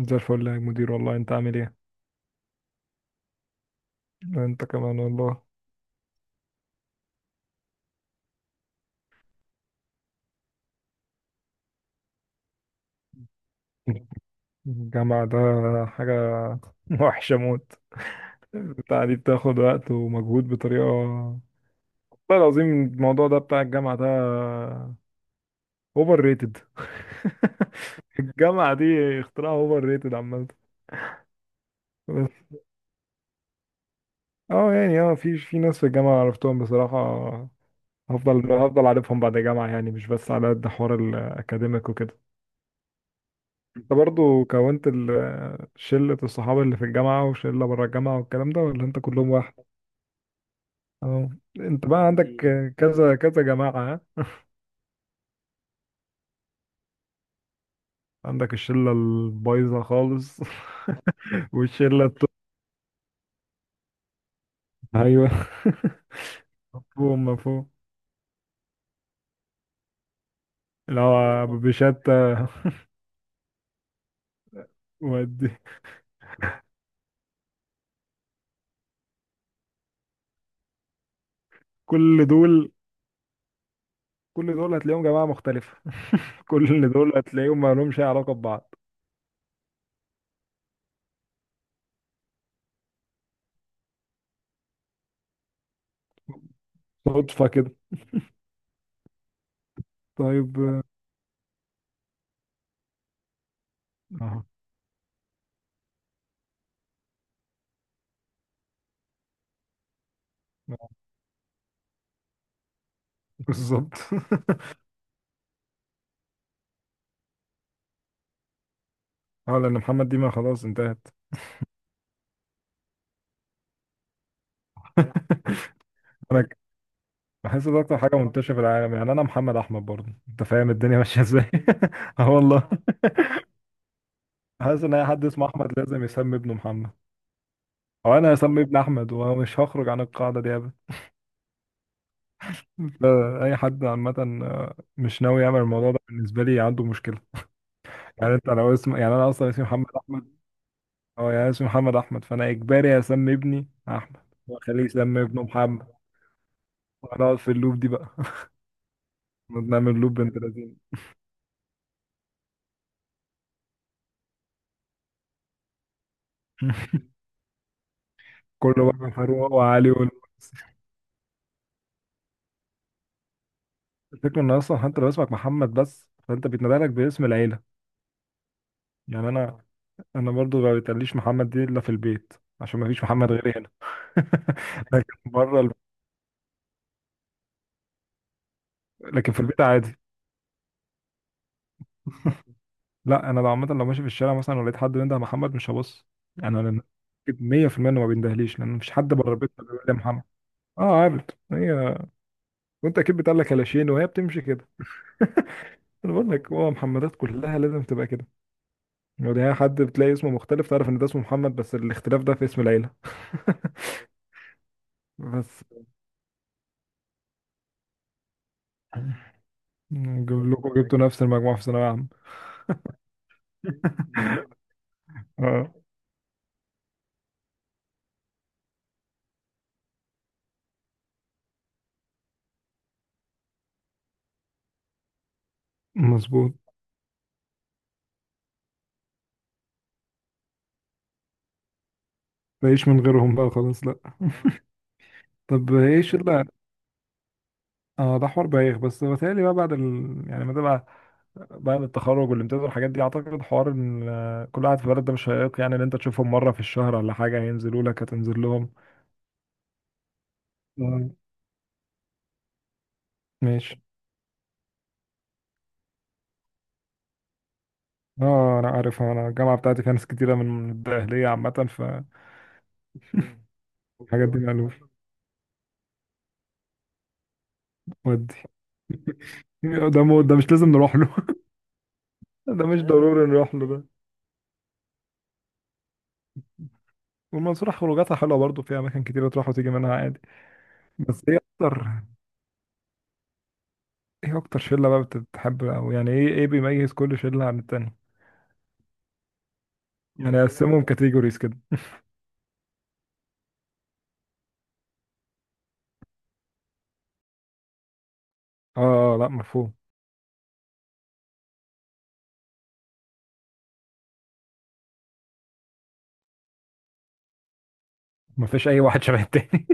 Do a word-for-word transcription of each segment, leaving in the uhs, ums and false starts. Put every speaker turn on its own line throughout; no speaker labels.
زي الفل يا مدير، والله. انت عامل ايه؟ انت كمان والله. الجامعة ده حاجة وحشة موت. بتاع دي بتاخد وقت ومجهود بطريقة والله العظيم. الموضوع ده بتاع الجامعة ده اوفر ريتد. الجامعة دي اختراع اوفر ريتد عامة. بس اه يعني اه في في ناس في الجامعة عرفتهم بصراحة. هفضل هفضل عارفهم بعد الجامعة، يعني مش بس على قد حوار الأكاديميك وكده. انت برضو كونت ال- شلة الصحاب اللي في الجامعة وشلة بره الجامعة والكلام ده، ولا انت كلهم واحد؟ اه، انت بقى عندك كذا كذا جماعة ها؟ عندك الشلة البايظة خالص والشلة الت- ايوه. مفهوم مفهوم. اللي هو بشتى. ودي. كل دول كل دول هتلاقيهم جماعة مختلفة. كل دول هتلاقيهم ما لهمش أي علاقة ببعض. صدفة كده. طيب. اه، آه، بالظبط. اه، لأن محمد ديما خلاص انتهت. انا ك- بحس ده اكتر حاجه منتشره في العالم، يعني انا محمد احمد برضه، انت فاهم الدنيا ماشيه ازاي. اه والله. حاسس ان اي حد اسمه احمد لازم يسمي ابنه محمد، او انا هسمي ابني احمد ومش هخرج عن القاعده دي ابدا. لا، اي حد عامه، آه، مش ناوي يعمل الموضوع ده بالنسبه لي عنده مشكله. يعني انت لو اسم يعني انا اصلا اسمي محمد احمد. اه، يعني اسمي محمد احمد، فانا اجباري اسمي ابني احمد واخليه يسمي ابنه محمد ونقعد في اللوب دي بقى. نعمل لوب بنت لذينه. كله بقى فاروق وعلي والمؤسس. الفكرة ان اصلا حتى لو اسمك محمد بس، فانت بيتنادى لك باسم العيلة. يعني انا انا برضو ما بيتقاليش محمد دي الا في البيت، عشان ما فيش محمد غيري هنا. لكن بره ال... لكن في البيت عادي. لا انا لو عامة، لو ماشي في الشارع مثلا ولقيت حد بينده محمد مش هبص. يعني انا أكيد مية في المية انه ما بيندهليش، لان مفيش حد بره البيت ما بيقول لي محمد. اه، عارف هي. وانت اكيد بتقول لك كلاشين وهي بتمشي كده. انا بقول لك، هو محمدات كلها لازم تبقى كده. يعني هي، حد بتلاقي اسمه مختلف تعرف ان ده اسمه محمد، بس الاختلاف ده في اسم العيلة. بس. مم، كلكم جبتوا نفس المجموعة في ثانوية عامة. اه، مظبوط. بعيش من غيرهم بقى خلاص؟ لا. طب، ايش اللي. اه ده حوار بايخ، بس بتهيألي بقى بعد ال... يعني ما تبقى بعد التخرج والامتياز والحاجات دي، اعتقد حوار ان آه، كل واحد في بلد ده مش هيق، يعني ان انت تشوفهم مرة في الشهر ولا حاجة، هينزلوا لك هتنزل لهم. آه، ماشي. اه، انا عارف، انا الجامعة بتاعتي فيها ناس كتيرة من الدقهلية عامة، ف الحاجات دي مألوف. ودي. ده مو ده مش لازم نروح له. ده مش ضروري نروح له. والمنصورة خروجاتها حلوة برضه، فيها أماكن كتيرة تروح وتيجي منها عادي. بس إيه أكتر، إيه أكتر شلة بقى بتتحب، أو يعني إيه إيه بيميز كل شلة عن التانية؟ يعني أقسمهم كاتيجوريز كده. آه آه، آه، لأ، مفهوم. مفيش أي واحد شبه التاني.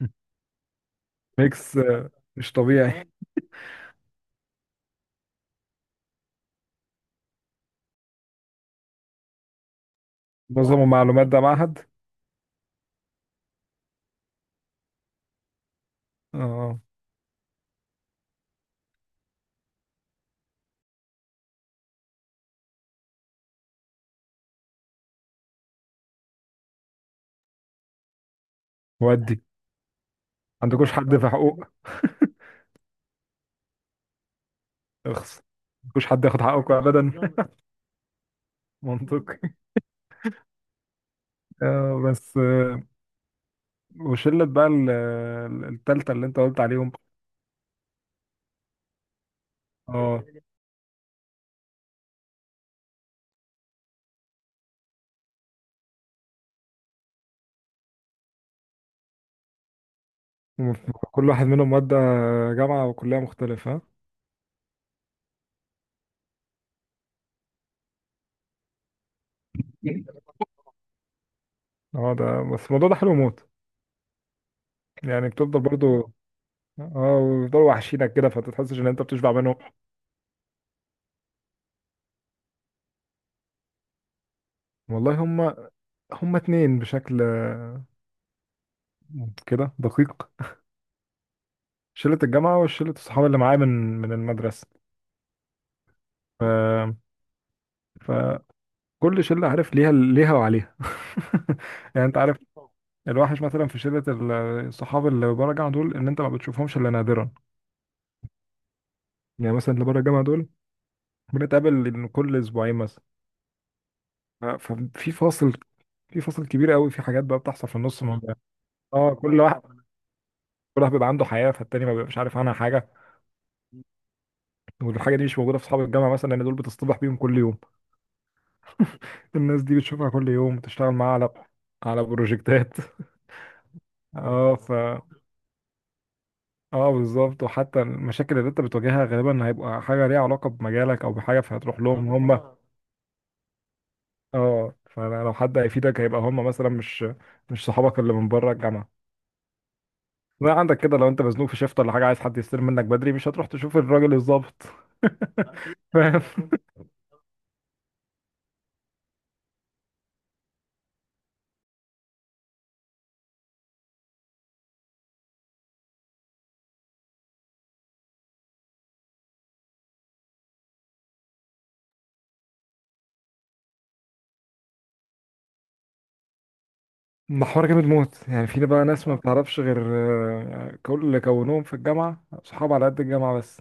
ميكس آه، مش طبيعي. نظم ومعلومات ده معهد؟ آه. ودي، عندكوش حد في حقوق؟ اخس. مفيش حد ياخد حقكم ابدا. منطقي. آه، بس آه، وشله بقى ال- التالتة اللي انت قلت عليهم. اه، ومف- كل واحد منهم مادة جامعة وكلية مختلفة ها؟ اه، ده بس الموضوع ده حلو موت، يعني بتفضل برضو. اه، ويفضلوا وحشينك كده فتتحسش ان انت بتشبع منهم. والله، هما هما اتنين بشكل آه، كده دقيق. شلة الجامعة وشلة الصحاب اللي معايا من من المدرسة. ف... فكل شلة عارف ليها ليها وعليها. يعني انت عارف. الوحش مثلا في شلة الصحاب اللي بره الجامعة دول ان انت ما بتشوفهمش الا نادرا. يعني مثلا اللي بره الجامعة دول بنتقابل كل اسبوعين مثلا. ف- ففي فاصل في فاصل كبير قوي، في حاجات بقى بتحصل في النص ما بقى. اه، كل واحد كل واحد بيبقى عنده حياه فالتاني ما بيبقاش عارف عنها حاجه. والحاجه دي مش موجوده في اصحاب الجامعه مثلا، لان دول بتصطبح بيهم كل يوم. الناس دي بتشوفها كل يوم، بتشتغل معاها على على بروجكتات. اه ف اه، بالظبط، وحتى المشاكل اللي انت بتواجهها غالبا هيبقى حاجه ليها علاقه بمجالك او بحاجه، فهتروح لهم هم. اه، فلو حد هيفيدك هيبقى هم مثلا، مش مش صحابك اللي من بره الجامعه. ما عندك كده لو انت مزنوق في شيفت ولا حاجه عايز حد يستلم منك بدري، مش هتروح تشوف الراجل الظابط، فاهم. محور جامد موت، يعني في بقى ناس ما بتعرفش غير آه، كل اللي كونوهم في الجامعه صحاب على قد الجامعه بس.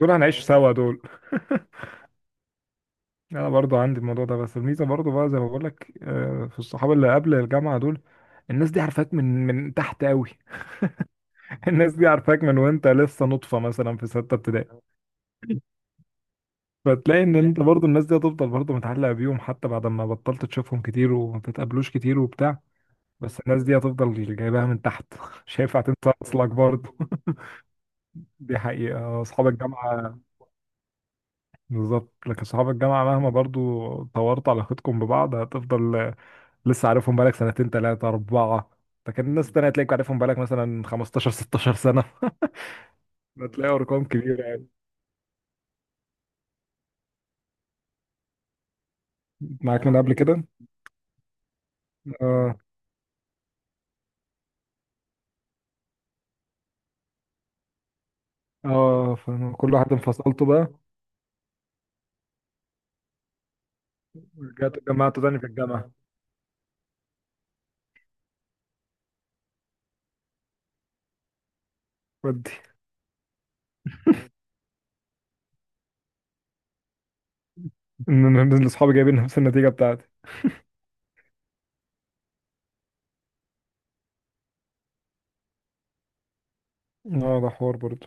دول هنعيش سوا دول. انا برضو عندي الموضوع ده، بس الميزه برضو بقى زي ما بقول لك آه، في الصحاب اللي قبل الجامعه دول. الناس دي عارفاك من من تحت قوي. الناس دي عارفاك من وانت لسه نطفه مثلا في سته ابتدائي. فتلاقي ان انت برضو الناس دي هتفضل برضو متعلقة بيهم حتى بعد ما بطلت تشوفهم كتير وما بتتقابلوش كتير وبتاع. بس الناس دي هتفضل جايباها من تحت. مش هينفع تنسى اصلك برضو. دي حقيقة، آه، اصحاب الجامعة بالظبط. لكن اصحاب الجامعة مهما برضو طورت علاقتكم ببعض، هتفضل لسه عارفهم بقالك سنتين تلاتة اربعة. لكن الناس التانية هتلاقيك عارفهم بقالك مثلا خمستاشر ستاشر سنة. هتلاقي ارقام كبيرة يعني. معاك من قبل كده. اه اه، فكل واحد انفصلته بقى، رجعت اتجمعتوا تاني في الجامعة. ودي، ان انا إن اصحابي جايبين نفس النتيجه بتاعتي. اه، ده حوار برضه.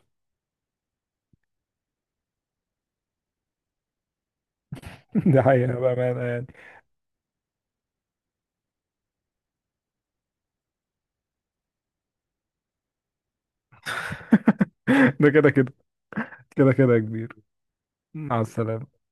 دي حقيقه بامانه يعني. ده كده كده، كده كده يا كبير. مع السلامه.